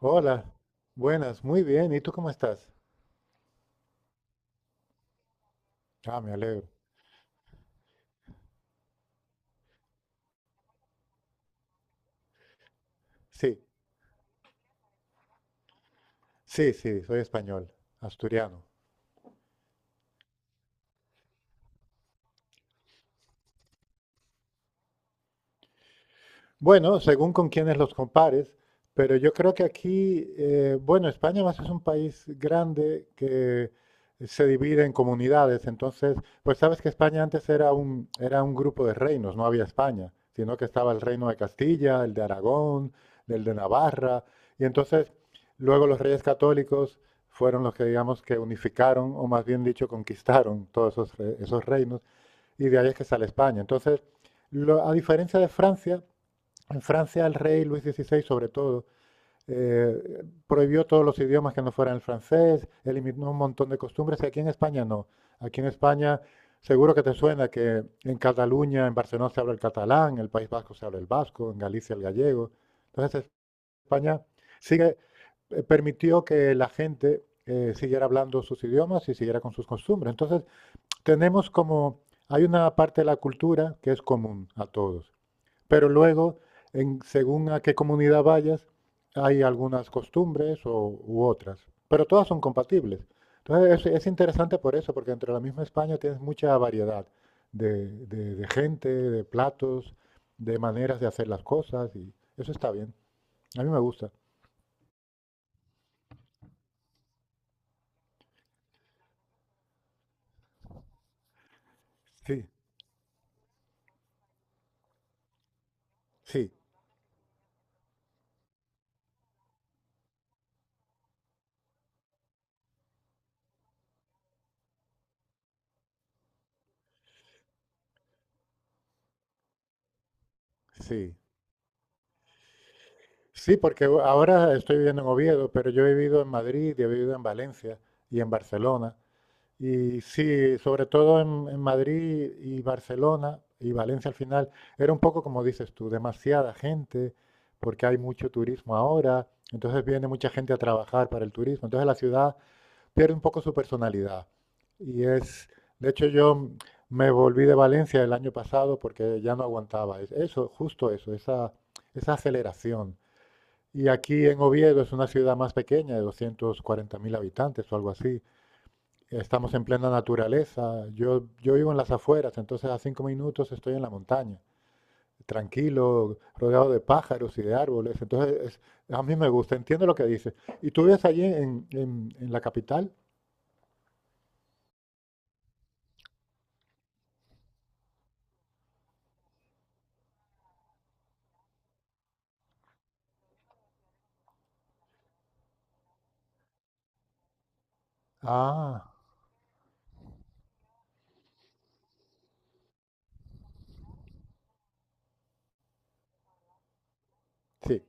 Hola, buenas, muy bien. ¿Y tú cómo estás? Ah, me alegro. Sí, sí, sí, soy español, asturiano. Bueno, según con quienes los compares, pero yo creo que aquí, bueno, España más es un país grande que se divide en comunidades, entonces, pues sabes que España antes era un grupo de reinos, no había España, sino que estaba el reino de Castilla, el de Aragón, el de Navarra, y entonces luego los reyes católicos fueron los que digamos que unificaron, o más bien dicho, conquistaron todos esos reinos, y de ahí es que sale España. Entonces, a diferencia de Francia, en Francia el rey Luis XVI, sobre todo, prohibió todos los idiomas que no fueran el francés, eliminó un montón de costumbres y aquí en España no. Aquí en España seguro que te suena que en Cataluña, en Barcelona se habla el catalán, en el País Vasco se habla el vasco, en Galicia el gallego. Entonces España sigue, permitió que la gente siguiera hablando sus idiomas y siguiera con sus costumbres. Entonces tenemos como, hay una parte de la cultura que es común a todos. Pero luego, según a qué comunidad vayas, hay algunas costumbres u otras, pero todas son compatibles. Entonces, es interesante por eso, porque entre la misma España tienes mucha variedad de gente, de platos, de maneras de hacer las cosas, y eso está bien. A mí me gusta. Sí, sí, sí. Sí, porque ahora estoy viviendo en Oviedo, pero yo he vivido en Madrid y he vivido en Valencia y en Barcelona. Y sí, sobre todo en, Madrid y Barcelona y Valencia al final, era un poco como dices tú, demasiada gente, porque hay mucho turismo ahora, entonces viene mucha gente a trabajar para el turismo, entonces la ciudad pierde un poco su personalidad. Y es, de hecho yo me volví de Valencia el año pasado porque ya no aguantaba eso, justo eso, esa aceleración. Y aquí en Oviedo es una ciudad más pequeña, de 240.000 habitantes o algo así. Estamos en plena naturaleza. Yo vivo en las afueras, entonces a 5 minutos estoy en la montaña, tranquilo, rodeado de pájaros y de árboles. Entonces, a mí me gusta, entiendo lo que dices. ¿Y tú vives allí en la capital? Ah, sí.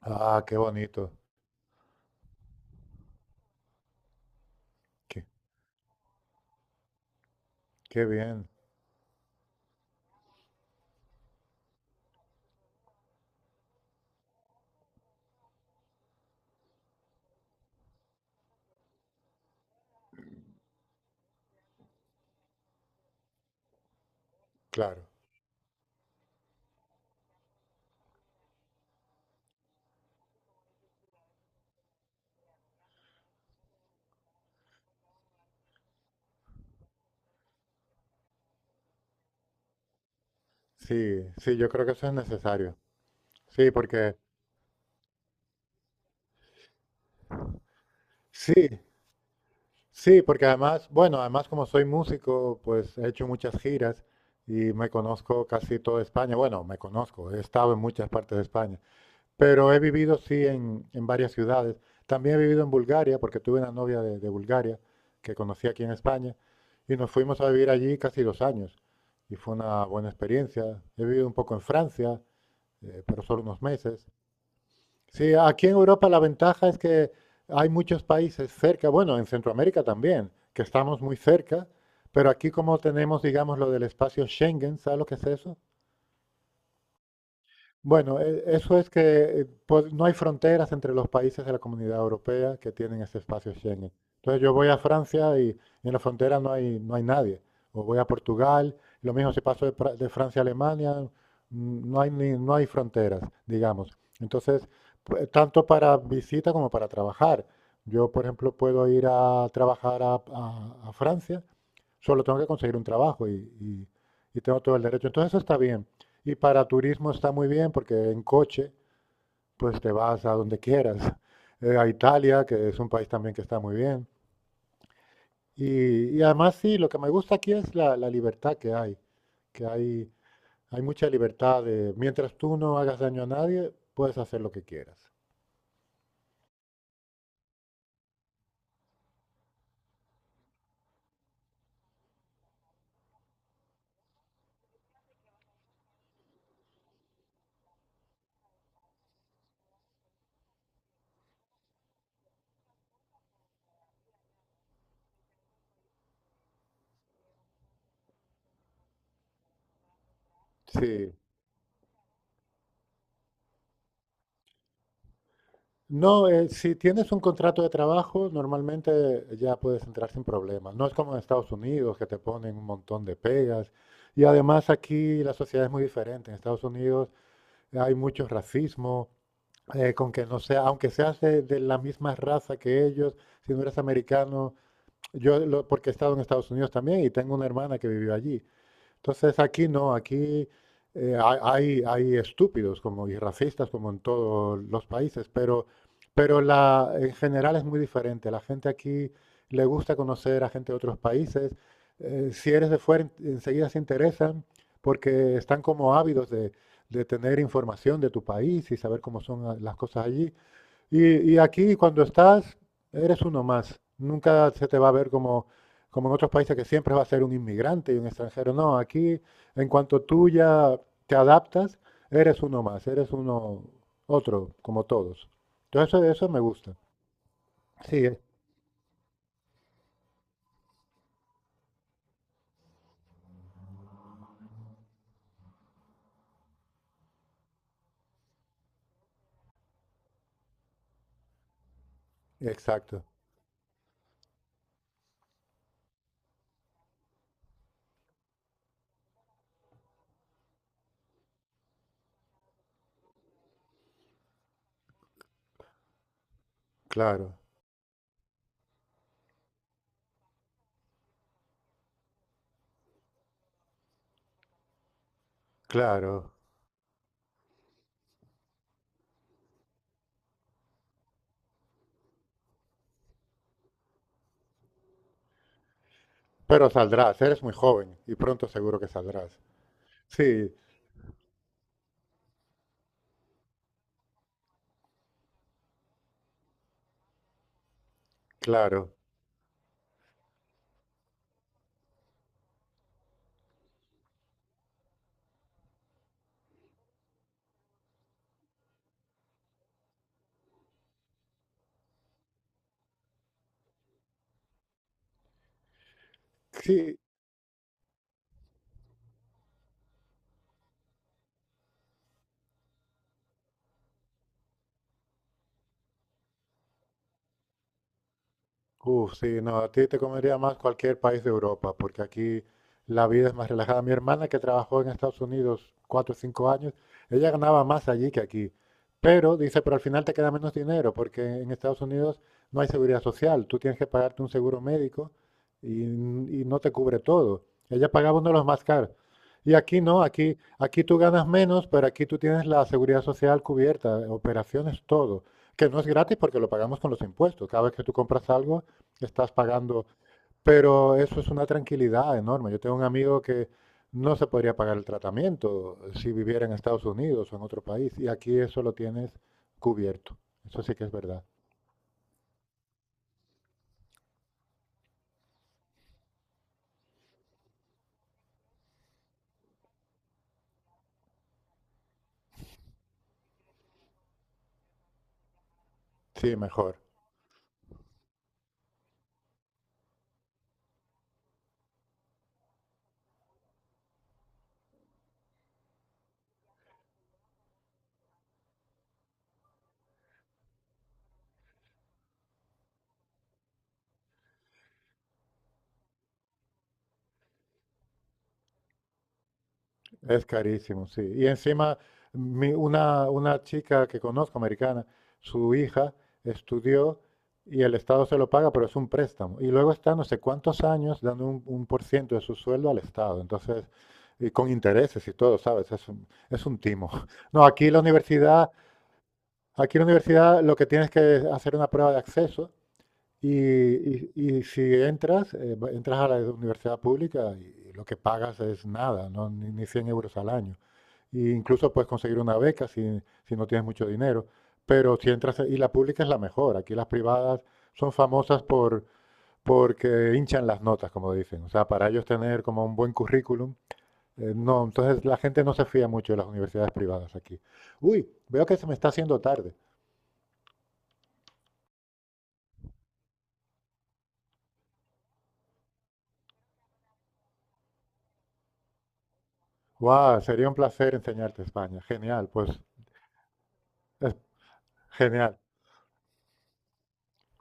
Ah, qué bonito. Qué, qué bien. Claro. Sí, sí, yo creo que eso es necesario. Sí, porque sí, Sí, porque además, bueno, además como soy músico, pues he hecho muchas giras y me conozco casi toda España. Bueno, me conozco, he estado en muchas partes de España, pero he vivido sí en varias ciudades. También he vivido en Bulgaria, porque tuve una novia de Bulgaria que conocí aquí en España y nos fuimos a vivir allí casi 2 años y fue una buena experiencia. He vivido un poco en Francia, pero solo unos meses. Sí, aquí en Europa la ventaja es que hay muchos países cerca, bueno, en Centroamérica también, que estamos muy cerca, pero aquí como tenemos, digamos, lo del espacio Schengen, ¿sabes lo que es eso? Bueno, eso es que pues, no hay fronteras entre los países de la Comunidad Europea que tienen ese espacio Schengen. Entonces yo voy a Francia y en la frontera no hay nadie. O voy a Portugal, lo mismo si paso de Francia a Alemania, no hay fronteras, digamos. Entonces, tanto para visita como para trabajar. Yo, por ejemplo, puedo ir a trabajar a Francia. Solo tengo que conseguir un trabajo y- y tengo todo el derecho. Entonces eso está bien. Y para turismo está muy bien porque en coche pues te vas a donde quieras. A Italia, que es un país también que está muy bien. Y además sí, lo que me gusta aquí es la libertad que hay. Que hay mucha libertad de, mientras tú no hagas daño a nadie, puedes hacer lo que quieras. Sí, no, si tienes un contrato de trabajo, normalmente ya puedes entrar sin problemas. No es como en Estados Unidos, que te ponen un montón de pegas. Y además aquí la sociedad es muy diferente. En Estados Unidos hay mucho racismo, con que no sea, aunque seas de la misma raza que ellos, si no eres americano, porque he estado en Estados Unidos también y tengo una hermana que vivió allí. Entonces aquí no, aquí hay estúpidos como y racistas como en todos los países, pero, en general es muy diferente. La gente aquí le gusta conocer a gente de otros países. Si eres de fuera, enseguida se interesan porque están como ávidos de tener información de tu país y saber cómo son las cosas allí. Y aquí cuando estás, eres uno más. Nunca se te va a ver como en otros países que siempre va a ser un inmigrante y un extranjero. No, aquí en cuanto tú ya te adaptas, eres uno más, eres uno otro, como todos. Entonces eso me gusta. Sí, exacto. Claro, claro. Pero saldrás, eres muy joven y pronto seguro que saldrás. Sí, claro. Sí, uf, sí, no, a ti te convendría más cualquier país de Europa, porque aquí la vida es más relajada. Mi hermana que trabajó en Estados Unidos 4 o 5 años, ella ganaba más allí que aquí. Pero dice, pero al final te queda menos dinero, porque en Estados Unidos no hay seguridad social. Tú tienes que pagarte un seguro médico y no te cubre todo. Ella pagaba uno de los más caros. Y aquí no, aquí tú ganas menos, pero aquí tú tienes la seguridad social cubierta, operaciones, todo. Que no es gratis porque lo pagamos con los impuestos. Cada vez que tú compras algo, estás pagando, pero eso es una tranquilidad enorme. Yo tengo un amigo que no se podría pagar el tratamiento si viviera en Estados Unidos o en otro país, y aquí eso lo tienes cubierto. Eso sí que es verdad. Sí, mejor. Es carísimo, sí. Y encima, una chica que conozco, americana, su hija estudió y el Estado se lo paga, pero es un préstamo. Y luego está no sé cuántos años dando un por ciento de su sueldo al Estado. Entonces, y con intereses y todo, ¿sabes? Es un timo. No, aquí la universidad lo que tienes que hacer una prueba de acceso y, y- y si entras, entras a la universidad pública y lo que pagas es nada, ¿no? Ni 100 euros al año. E incluso puedes conseguir una beca si no tienes mucho dinero. Pero si entras, y la pública es la mejor. Aquí las privadas son famosas porque hinchan las notas, como dicen. O sea, para ellos tener como un buen currículum. No, entonces la gente no se fía mucho de las universidades privadas aquí. Uy, veo que se me está haciendo tarde. Guau, sería un placer enseñarte España. Genial, pues. Genial.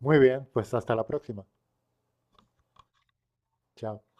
Muy bien, pues hasta la próxima. Chao.